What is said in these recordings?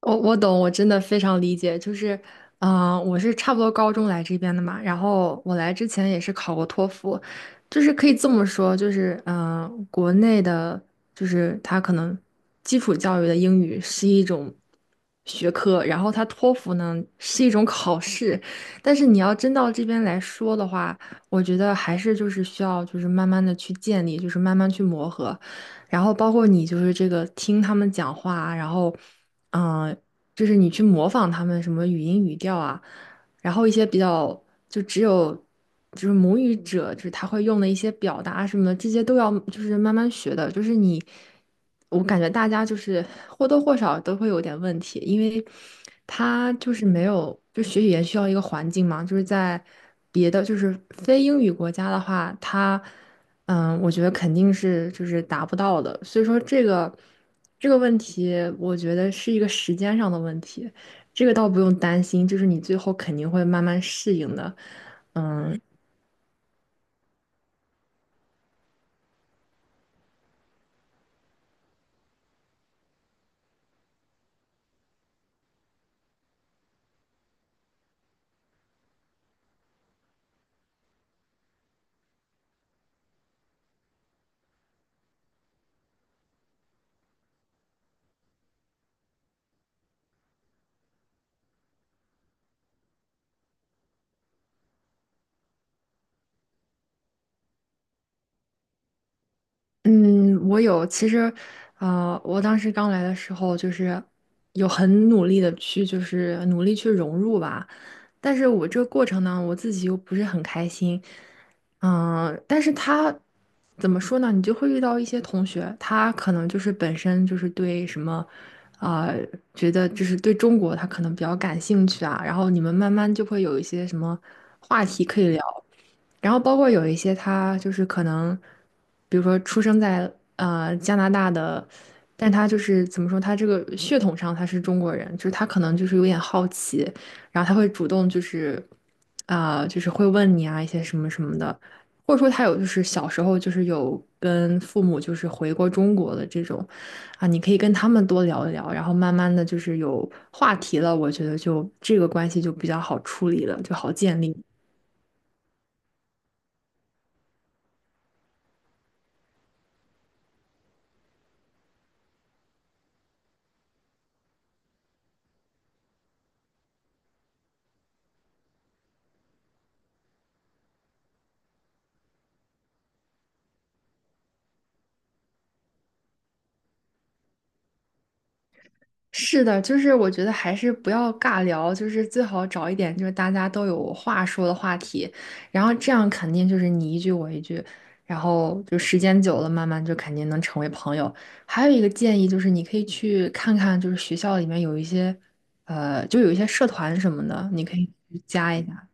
我懂，我真的非常理解。我是差不多高中来这边的嘛，然后我来之前也是考过托福，就是可以这么说，就是，嗯、国内的，就是它可能基础教育的英语是一种学科，然后它托福呢是一种考试，但是你要真到这边来说的话，我觉得还是需要慢慢的去建立，就是慢慢去磨合。然后包括你就是这个听他们讲话啊然后嗯、呃就是你去模仿他们什么语音语调啊，然后一些比较就只有就是母语者，就是他会用的一些表达什么，这些都要就是慢慢学的。就是你，我感觉大家就是或多或少都会有点问题，因为他就是没有就学语言需要一个环境嘛，就是在别的就是非英语国家的话，他。嗯，我觉得肯定是就是达不到的，所以说这个问题，我觉得是一个时间上的问题，这个倒不用担心，就是你最后肯定会慢慢适应的。嗯，嗯，我有。其实，我当时刚来的时候，就是有很努力的去，就是努力去融入吧。但是我这个过程呢，我自己又不是很开心。嗯，但是他怎么说呢？你就会遇到一些同学，他可能就是本身就是对什么，啊、觉得就是对中国他可能比较感兴趣啊。然后你们慢慢就会有一些什么话题可以聊。然后包括有一些他就是可能，比如说出生在加拿大的，但他就是怎么说，他这个血统上他是中国人，就是他可能就是有点好奇，然后他会主动就是就是会问你啊一些什么什么的，或者说他有就是小时候就是有跟父母就是回过中国的这种啊，你可以跟他们多聊一聊，然后慢慢的就是有话题了，我觉得就这个关系就比较好处理了，就好建立。是的，就是我觉得还是不要尬聊，就是最好找一点就是大家都有话说的话题，然后这样肯定就是你一句我一句，然后就时间久了，慢慢就肯定能成为朋友。还有一个建议就是，你可以去看看，就是学校里面有一些，就有一些社团什么的，你可以去加一下。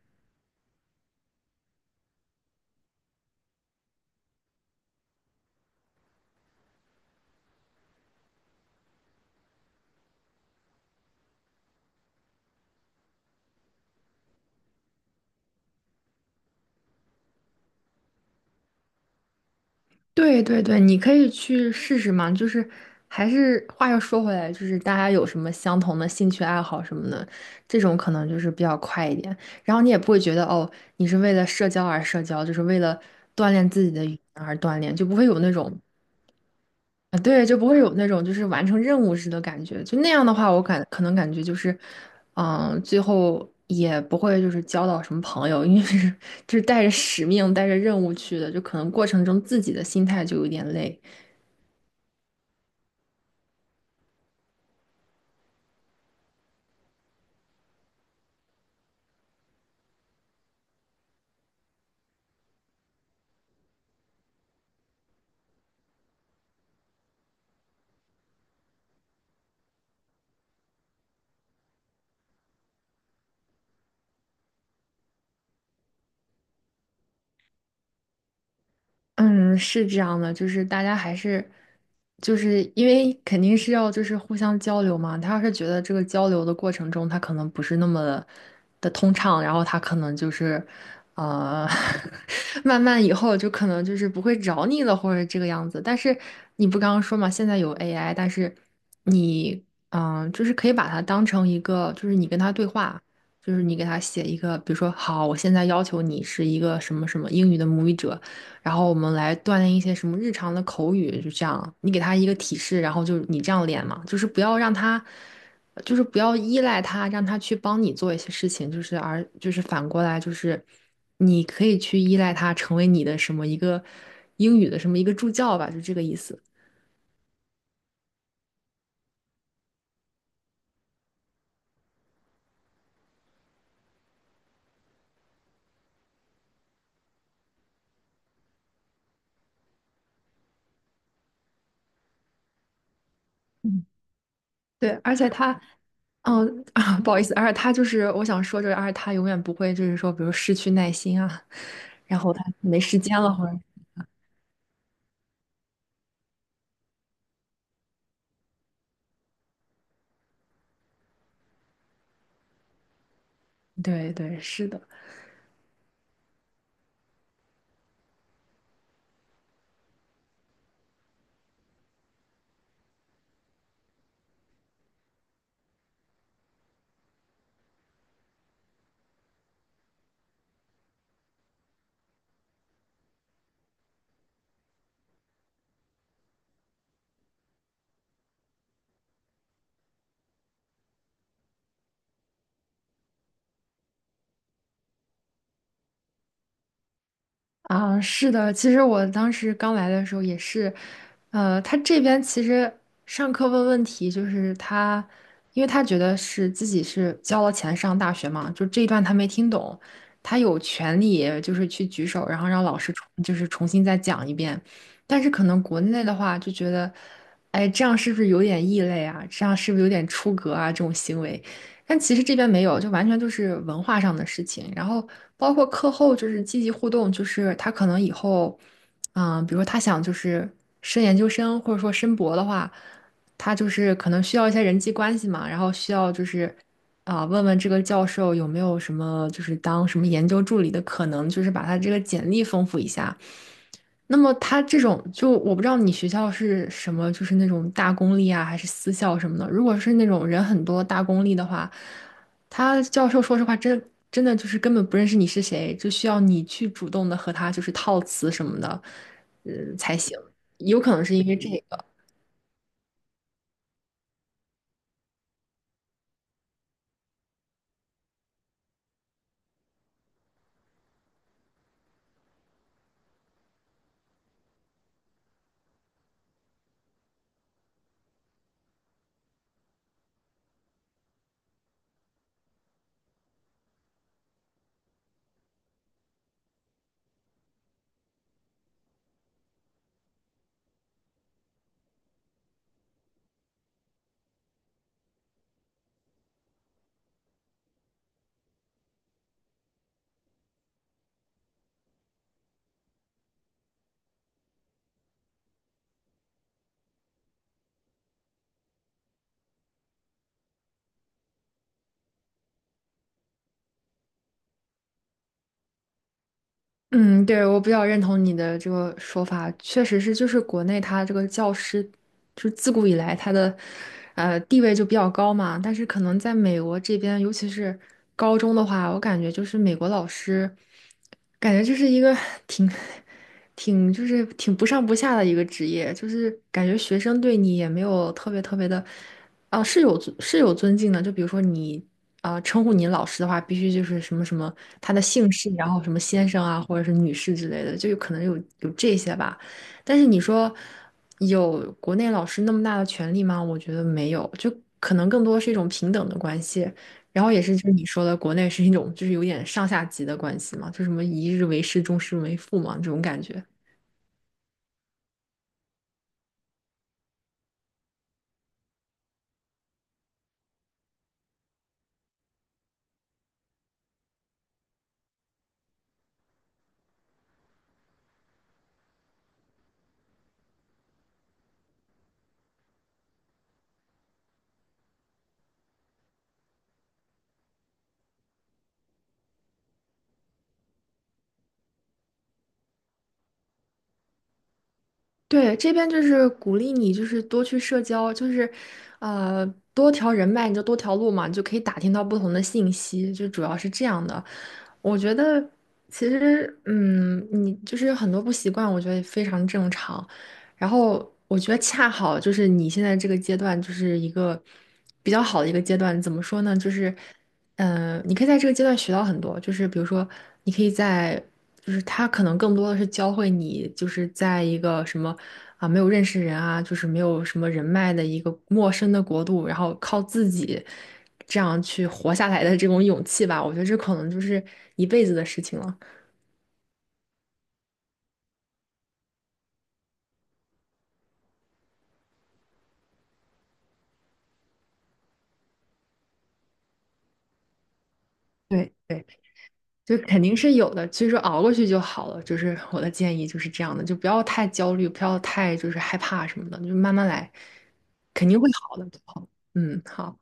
对对对，你可以去试试嘛。就是还是话又说回来，就是大家有什么相同的兴趣爱好什么的，这种可能就是比较快一点。然后你也不会觉得哦，你是为了社交而社交，就是为了锻炼自己的语言而锻炼，就不会有那种啊，对，就不会有那种就是完成任务似的感觉。就那样的话，我感可能感觉就是，嗯，最后也不会就是交到什么朋友，因为 是就是带着使命、带着任务去的，就可能过程中自己的心态就有点累。嗯，是这样的，就是大家还是，就是因为肯定是要就是互相交流嘛。他要是觉得这个交流的过程中，他可能不是那么的通畅，然后他可能就是，呃，慢慢以后就可能就是不会找你了，或者这个样子。但是你不刚刚说嘛，现在有 AI,但是你，就是可以把它当成一个，就是你跟他对话。就是你给他写一个，比如说，好，我现在要求你是一个什么什么英语的母语者，然后我们来锻炼一些什么日常的口语，就这样，你给他一个提示，然后就你这样练嘛，就是不要让他，就是不要依赖他，让他去帮你做一些事情，就是而就是反过来就是你可以去依赖他，成为你的什么一个英语的什么一个助教吧，就这个意思。嗯，对，而且他，嗯，而且他就是我想说，就是而且他永远不会，就是说，比如失去耐心啊，然后他没时间了，或者，对对，是的。啊，是的，其实我当时刚来的时候也是，他这边其实上课问问题，就是他，因为他觉得是自己是交了钱上大学嘛，就这一段他没听懂，他有权利就是去举手，然后让老师重就是重新再讲一遍。但是可能国内的话就觉得，哎，这样是不是有点异类啊？这样是不是有点出格啊？这种行为，但其实这边没有，就完全就是文化上的事情。然后包括课后就是积极互动，就是他可能以后，嗯，比如说他想就是升研究生或者说申博的话，他就是可能需要一些人际关系嘛，然后需要就是问问这个教授有没有什么就是当什么研究助理的可能，就是把他这个简历丰富一下。那么他这种就我不知道你学校是什么，就是那种大公立啊，还是私校什么的。如果是那种人很多大公立的话，他教授说实话真的就是根本不认识你是谁，就需要你去主动的和他就是套词什么的，呃才行。有可能是因为这个。嗯，对，我比较认同你的这个说法，确实是，就是国内他这个教师，就是自古以来他的，地位就比较高嘛。但是可能在美国这边，尤其是高中的话，我感觉就是美国老师，感觉就是一个 挺，挺就是挺不上不下的一个职业，就是感觉学生对你也没有特别特别的。啊，是有尊敬的，就比如说你称呼你老师的话，必须就是什么什么他的姓氏，然后什么先生啊，或者是女士之类的，就有可能有这些吧。但是你说有国内老师那么大的权利吗？我觉得没有，就可能更多是一种平等的关系。然后也是就是你说的，国内是一种就是有点上下级的关系嘛，就什么一日为师，终身为父嘛，这种感觉。对，这边就是鼓励你，就是多去社交，呃，多条人脉，你就多条路嘛，你就可以打听到不同的信息，就主要是这样的。我觉得其实，嗯，你就是有很多不习惯，我觉得非常正常。然后我觉得恰好就是你现在这个阶段，就是一个比较好的一个阶段。怎么说呢？就是。嗯，你可以在这个阶段学到很多，就是比如说，你可以在，就是他可能更多的是教会你，就是在一个什么没有认识人啊，就是没有什么人脉的一个陌生的国度，然后靠自己这样去活下来的这种勇气吧。我觉得这可能就是一辈子的事情了。对对，就肯定是有的，所以说熬过去就好了。就是我的建议就是这样的，就不要太焦虑，不要太就是害怕什么的，就慢慢来，肯定会好的。好，嗯，好。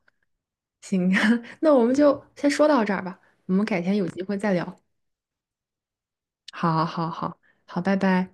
行，那我们就先说到这儿吧，我们改天有机会再聊。好，好，好，好，拜拜。